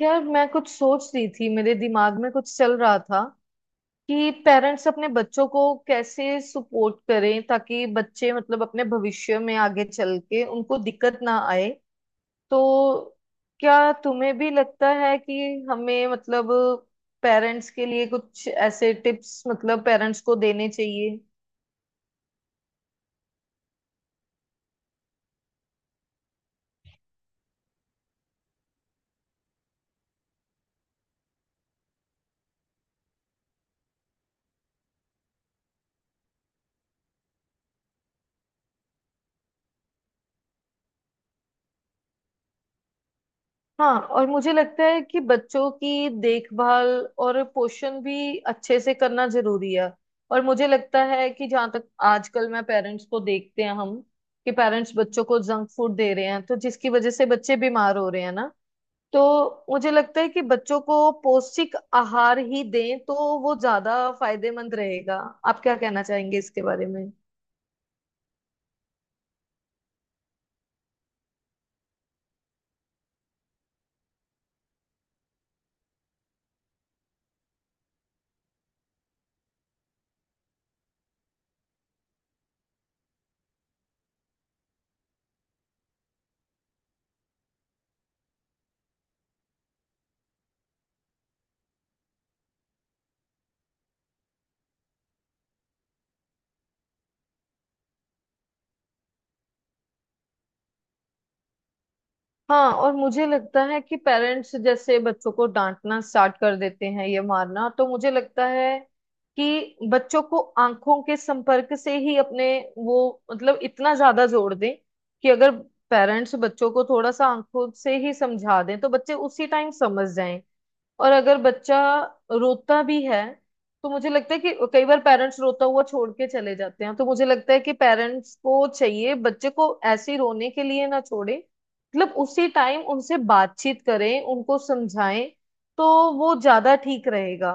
यार, मैं कुछ सोच रही थी, मेरे दिमाग में कुछ चल रहा था कि पेरेंट्स अपने बच्चों को कैसे सपोर्ट करें ताकि बच्चे मतलब अपने भविष्य में आगे चल के उनको दिक्कत ना आए। तो क्या तुम्हें भी लगता है कि हमें मतलब पेरेंट्स के लिए कुछ ऐसे टिप्स मतलब पेरेंट्स को देने चाहिए। हाँ, और मुझे लगता है कि बच्चों की देखभाल और पोषण भी अच्छे से करना जरूरी है। और मुझे लगता है कि जहाँ तक आजकल मैं पेरेंट्स को देखते हैं हम, कि पेरेंट्स बच्चों को जंक फूड दे रहे हैं, तो जिसकी वजह से बच्चे बीमार हो रहे हैं ना। तो मुझे लगता है कि बच्चों को पौष्टिक आहार ही दें तो वो ज्यादा फायदेमंद रहेगा। आप क्या कहना चाहेंगे इसके बारे में। हाँ, और मुझे लगता है कि पेरेंट्स जैसे बच्चों को डांटना स्टार्ट कर देते हैं, ये मारना, तो मुझे लगता है कि बच्चों को आंखों के संपर्क से ही अपने वो मतलब इतना ज्यादा जोड़ दें कि अगर पेरेंट्स बच्चों को थोड़ा सा आंखों से ही समझा दें तो बच्चे उसी टाइम समझ जाएं। और अगर बच्चा रोता भी है तो मुझे लगता है कि कई बार पेरेंट्स रोता हुआ छोड़ के चले जाते हैं, तो मुझे लगता है कि पेरेंट्स को चाहिए बच्चे को ऐसे ही रोने के लिए ना छोड़े। मतलब उसी टाइम उनसे बातचीत करें, उनको समझाएं तो वो ज्यादा ठीक रहेगा।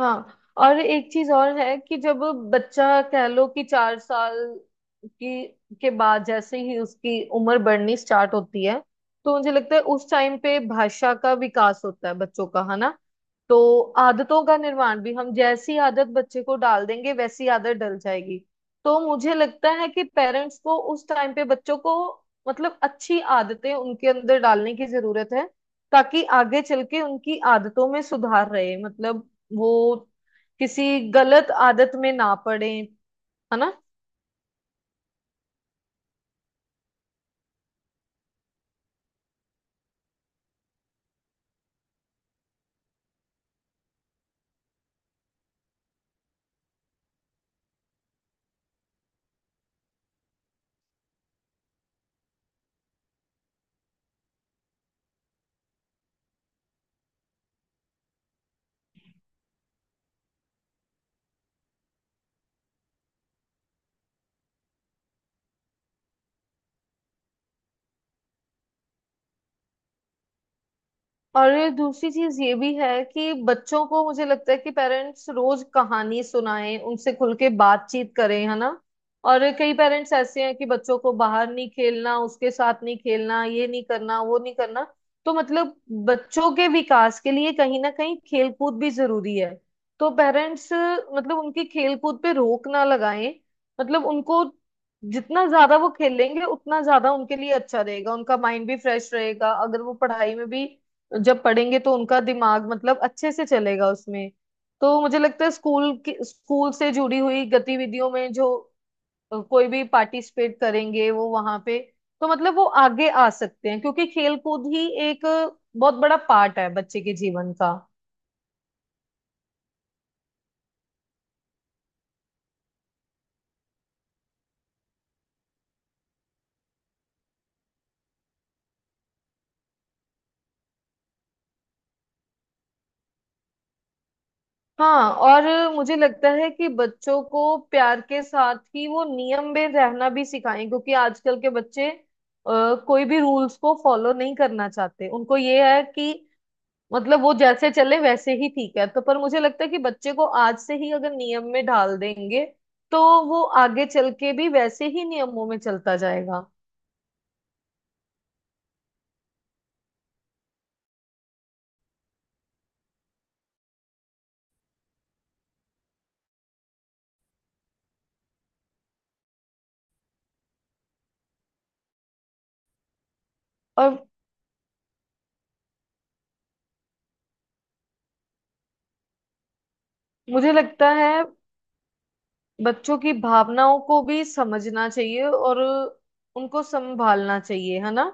हाँ, और एक चीज और है कि जब बच्चा कह लो कि 4 साल की के बाद जैसे ही उसकी उम्र बढ़नी स्टार्ट होती है, तो मुझे लगता है उस टाइम पे भाषा का विकास होता है बच्चों का, है ना। तो आदतों का निर्माण भी, हम जैसी आदत बच्चे को डाल देंगे वैसी आदत डल जाएगी। तो मुझे लगता है कि पेरेंट्स को उस टाइम पे बच्चों को मतलब अच्छी आदतें उनके अंदर डालने की जरूरत है ताकि आगे चल के उनकी आदतों में सुधार रहे, मतलब वो किसी गलत आदत में ना पड़े, है ना। और ये दूसरी चीज ये भी है कि बच्चों को मुझे लगता है कि पेरेंट्स रोज कहानी सुनाएं, उनसे खुल के बातचीत करें, है ना। और कई पेरेंट्स ऐसे हैं कि बच्चों को बाहर नहीं खेलना, उसके साथ नहीं खेलना, ये नहीं करना, वो नहीं करना। तो मतलब बच्चों के विकास के लिए कहीं ना कहीं खेलकूद भी जरूरी है। तो पेरेंट्स मतलब उनकी खेलकूद पे रोक ना लगाएं। मतलब उनको जितना ज्यादा वो खेलेंगे उतना ज्यादा उनके लिए अच्छा रहेगा, उनका माइंड भी फ्रेश रहेगा, अगर वो पढ़ाई में भी जब पढ़ेंगे तो उनका दिमाग मतलब अच्छे से चलेगा उसमें। तो मुझे लगता है स्कूल से जुड़ी हुई गतिविधियों में जो कोई भी पार्टिसिपेट करेंगे वो वहां पे, तो मतलब वो आगे आ सकते हैं क्योंकि खेल कूद ही एक बहुत बड़ा पार्ट है बच्चे के जीवन का। हाँ, और मुझे लगता है कि बच्चों को प्यार के साथ ही वो नियम में रहना भी सिखाएं क्योंकि आजकल के बच्चे कोई भी रूल्स को फॉलो नहीं करना चाहते, उनको ये है कि मतलब वो जैसे चले वैसे ही ठीक है। तो पर मुझे लगता है कि बच्चे को आज से ही अगर नियम में ढाल देंगे तो वो आगे चल के भी वैसे ही नियमों में चलता जाएगा। और मुझे लगता है बच्चों की भावनाओं को भी समझना चाहिए और उनको संभालना चाहिए, है ना।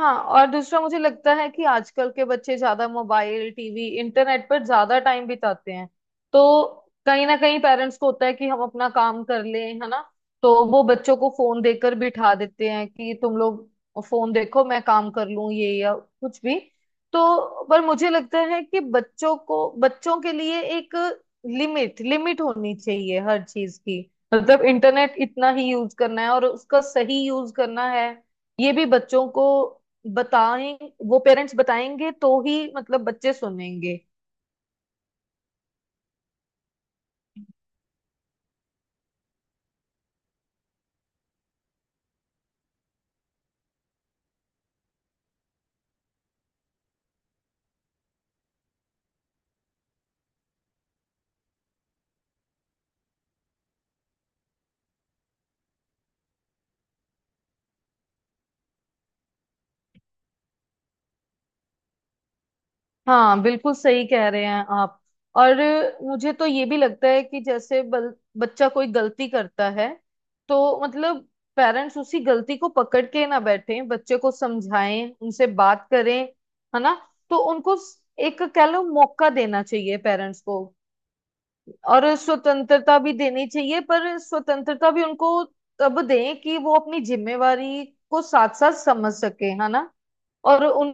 हाँ, और दूसरा मुझे लगता है कि आजकल के बच्चे ज्यादा मोबाइल, टीवी, इंटरनेट पर ज्यादा टाइम बिताते हैं। तो कहीं ना कहीं पेरेंट्स को होता है कि हम अपना काम कर लें, है ना। तो वो बच्चों को फोन देकर बिठा देते हैं कि तुम लोग फोन देखो, मैं काम कर लूं ये या कुछ भी। तो पर मुझे लगता है कि बच्चों को, बच्चों के लिए एक लिमिट लिमिट होनी चाहिए हर चीज की। मतलब इंटरनेट इतना ही यूज करना है और उसका सही यूज करना है, ये भी बच्चों को बताएं। वो पेरेंट्स बताएंगे तो ही मतलब बच्चे सुनेंगे। हाँ, बिल्कुल सही कह रहे हैं आप। और मुझे तो ये भी लगता है कि जैसे बच्चा कोई गलती करता है तो मतलब पेरेंट्स उसी गलती को पकड़ के ना बैठे, बच्चे को समझाएं, उनसे बात करें, है ना। तो उनको एक कह लो मौका देना चाहिए पेरेंट्स को। और स्वतंत्रता भी देनी चाहिए, पर स्वतंत्रता भी उनको तब दें कि वो अपनी जिम्मेवारी को साथ साथ समझ सके, है ना। और उन,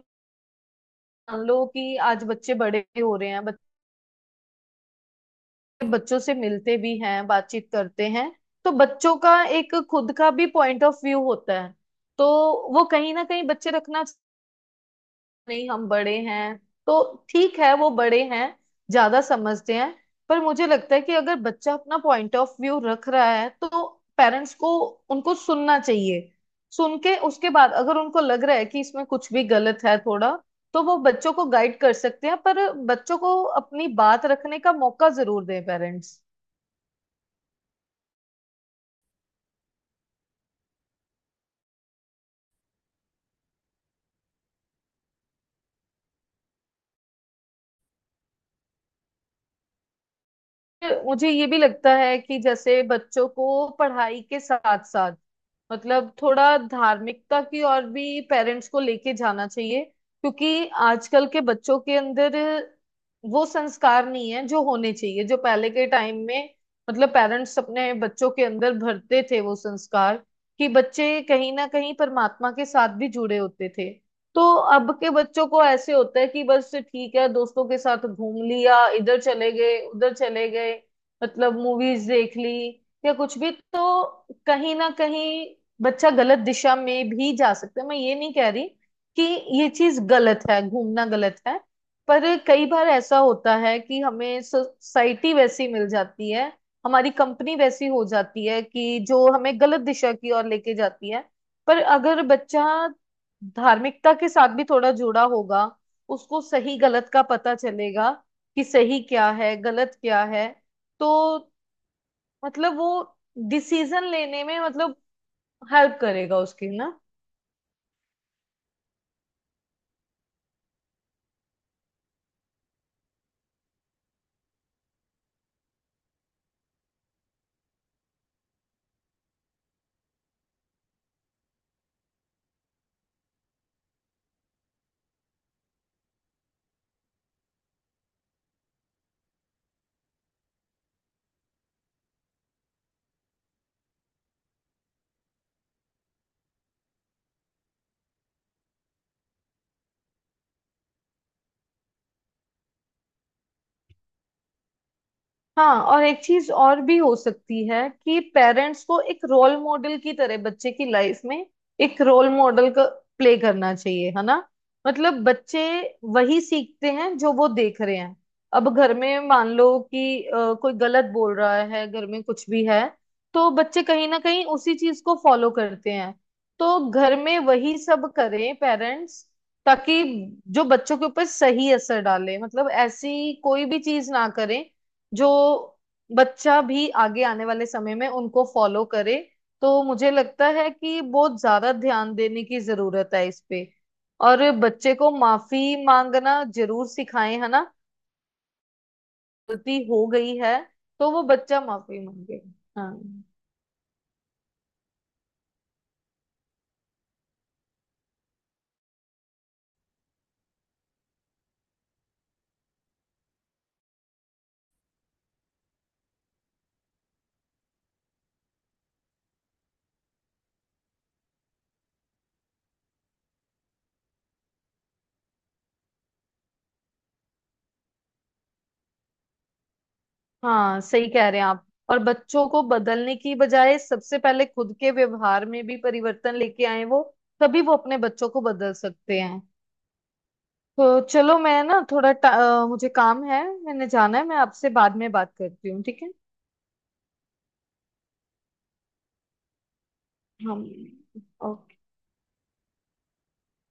मान लो कि आज बच्चे बड़े भी हो रहे हैं, बच्चे बच्चों से मिलते भी हैं, बातचीत करते हैं, तो बच्चों का एक खुद का भी पॉइंट ऑफ व्यू होता है। तो वो कहीं ना कहीं बच्चे रखना, नहीं हम बड़े हैं, तो ठीक है वो बड़े हैं, ज्यादा समझते हैं, पर मुझे लगता है कि अगर बच्चा अपना पॉइंट ऑफ व्यू रख रहा है तो पेरेंट्स को उनको सुनना चाहिए। सुन के उसके बाद अगर उनको लग रहा है कि इसमें कुछ भी गलत है थोड़ा, तो वो बच्चों को गाइड कर सकते हैं, पर बच्चों को अपनी बात रखने का मौका जरूर दें पेरेंट्स। मुझे ये भी लगता है कि जैसे बच्चों को पढ़ाई के साथ साथ मतलब थोड़ा धार्मिकता की ओर भी पेरेंट्स को लेके जाना चाहिए, क्योंकि आजकल के बच्चों के अंदर वो संस्कार नहीं है जो होने चाहिए, जो पहले के टाइम में मतलब पेरेंट्स अपने बच्चों के अंदर भरते थे वो संस्कार, कि बच्चे कहीं ना कहीं परमात्मा के साथ भी जुड़े होते थे। तो अब के बच्चों को ऐसे होता है कि बस ठीक है, दोस्तों के साथ घूम लिया, इधर चले गए, उधर चले गए, मतलब मूवीज देख ली या कुछ भी। तो कहीं ना कहीं बच्चा गलत दिशा में भी जा सकता है। मैं ये नहीं कह रही कि ये चीज गलत है, घूमना गलत है, पर कई बार ऐसा होता है कि हमें सोसाइटी वैसी मिल जाती है, हमारी कंपनी वैसी हो जाती है कि जो हमें गलत दिशा की ओर लेके जाती है। पर अगर बच्चा धार्मिकता के साथ भी थोड़ा जुड़ा होगा, उसको सही गलत का पता चलेगा कि सही क्या है गलत क्या है। तो मतलब वो डिसीजन लेने में मतलब हेल्प करेगा उसकी ना। हाँ, और एक चीज और भी हो सकती है कि पेरेंट्स को एक रोल मॉडल की तरह बच्चे की लाइफ में एक रोल मॉडल का प्ले करना चाहिए, है ना। मतलब बच्चे वही सीखते हैं जो वो देख रहे हैं। अब घर में मान लो कि कोई गलत बोल रहा है, घर में कुछ भी है, तो बच्चे कहीं ना कहीं उसी चीज को फॉलो करते हैं। तो घर में वही सब करें पेरेंट्स ताकि जो बच्चों के ऊपर सही असर डाले, मतलब ऐसी कोई भी चीज ना करें जो बच्चा भी आगे आने वाले समय में उनको फॉलो करे। तो मुझे लगता है कि बहुत ज्यादा ध्यान देने की जरूरत है इस पे। और बच्चे को माफी मांगना जरूर सिखाएं, है ना। गलती हो गई है तो वो बच्चा माफी मांगे। हाँ। हाँ, सही कह रहे हैं आप। और बच्चों को बदलने की बजाय सबसे पहले खुद के व्यवहार में भी परिवर्तन लेके आए वो, तभी वो अपने बच्चों को बदल सकते हैं। तो चलो, मैं ना थोड़ा मुझे काम है, मैंने जाना है, मैं आपसे बाद में बात करती हूँ, ठीक है। हम। ओके।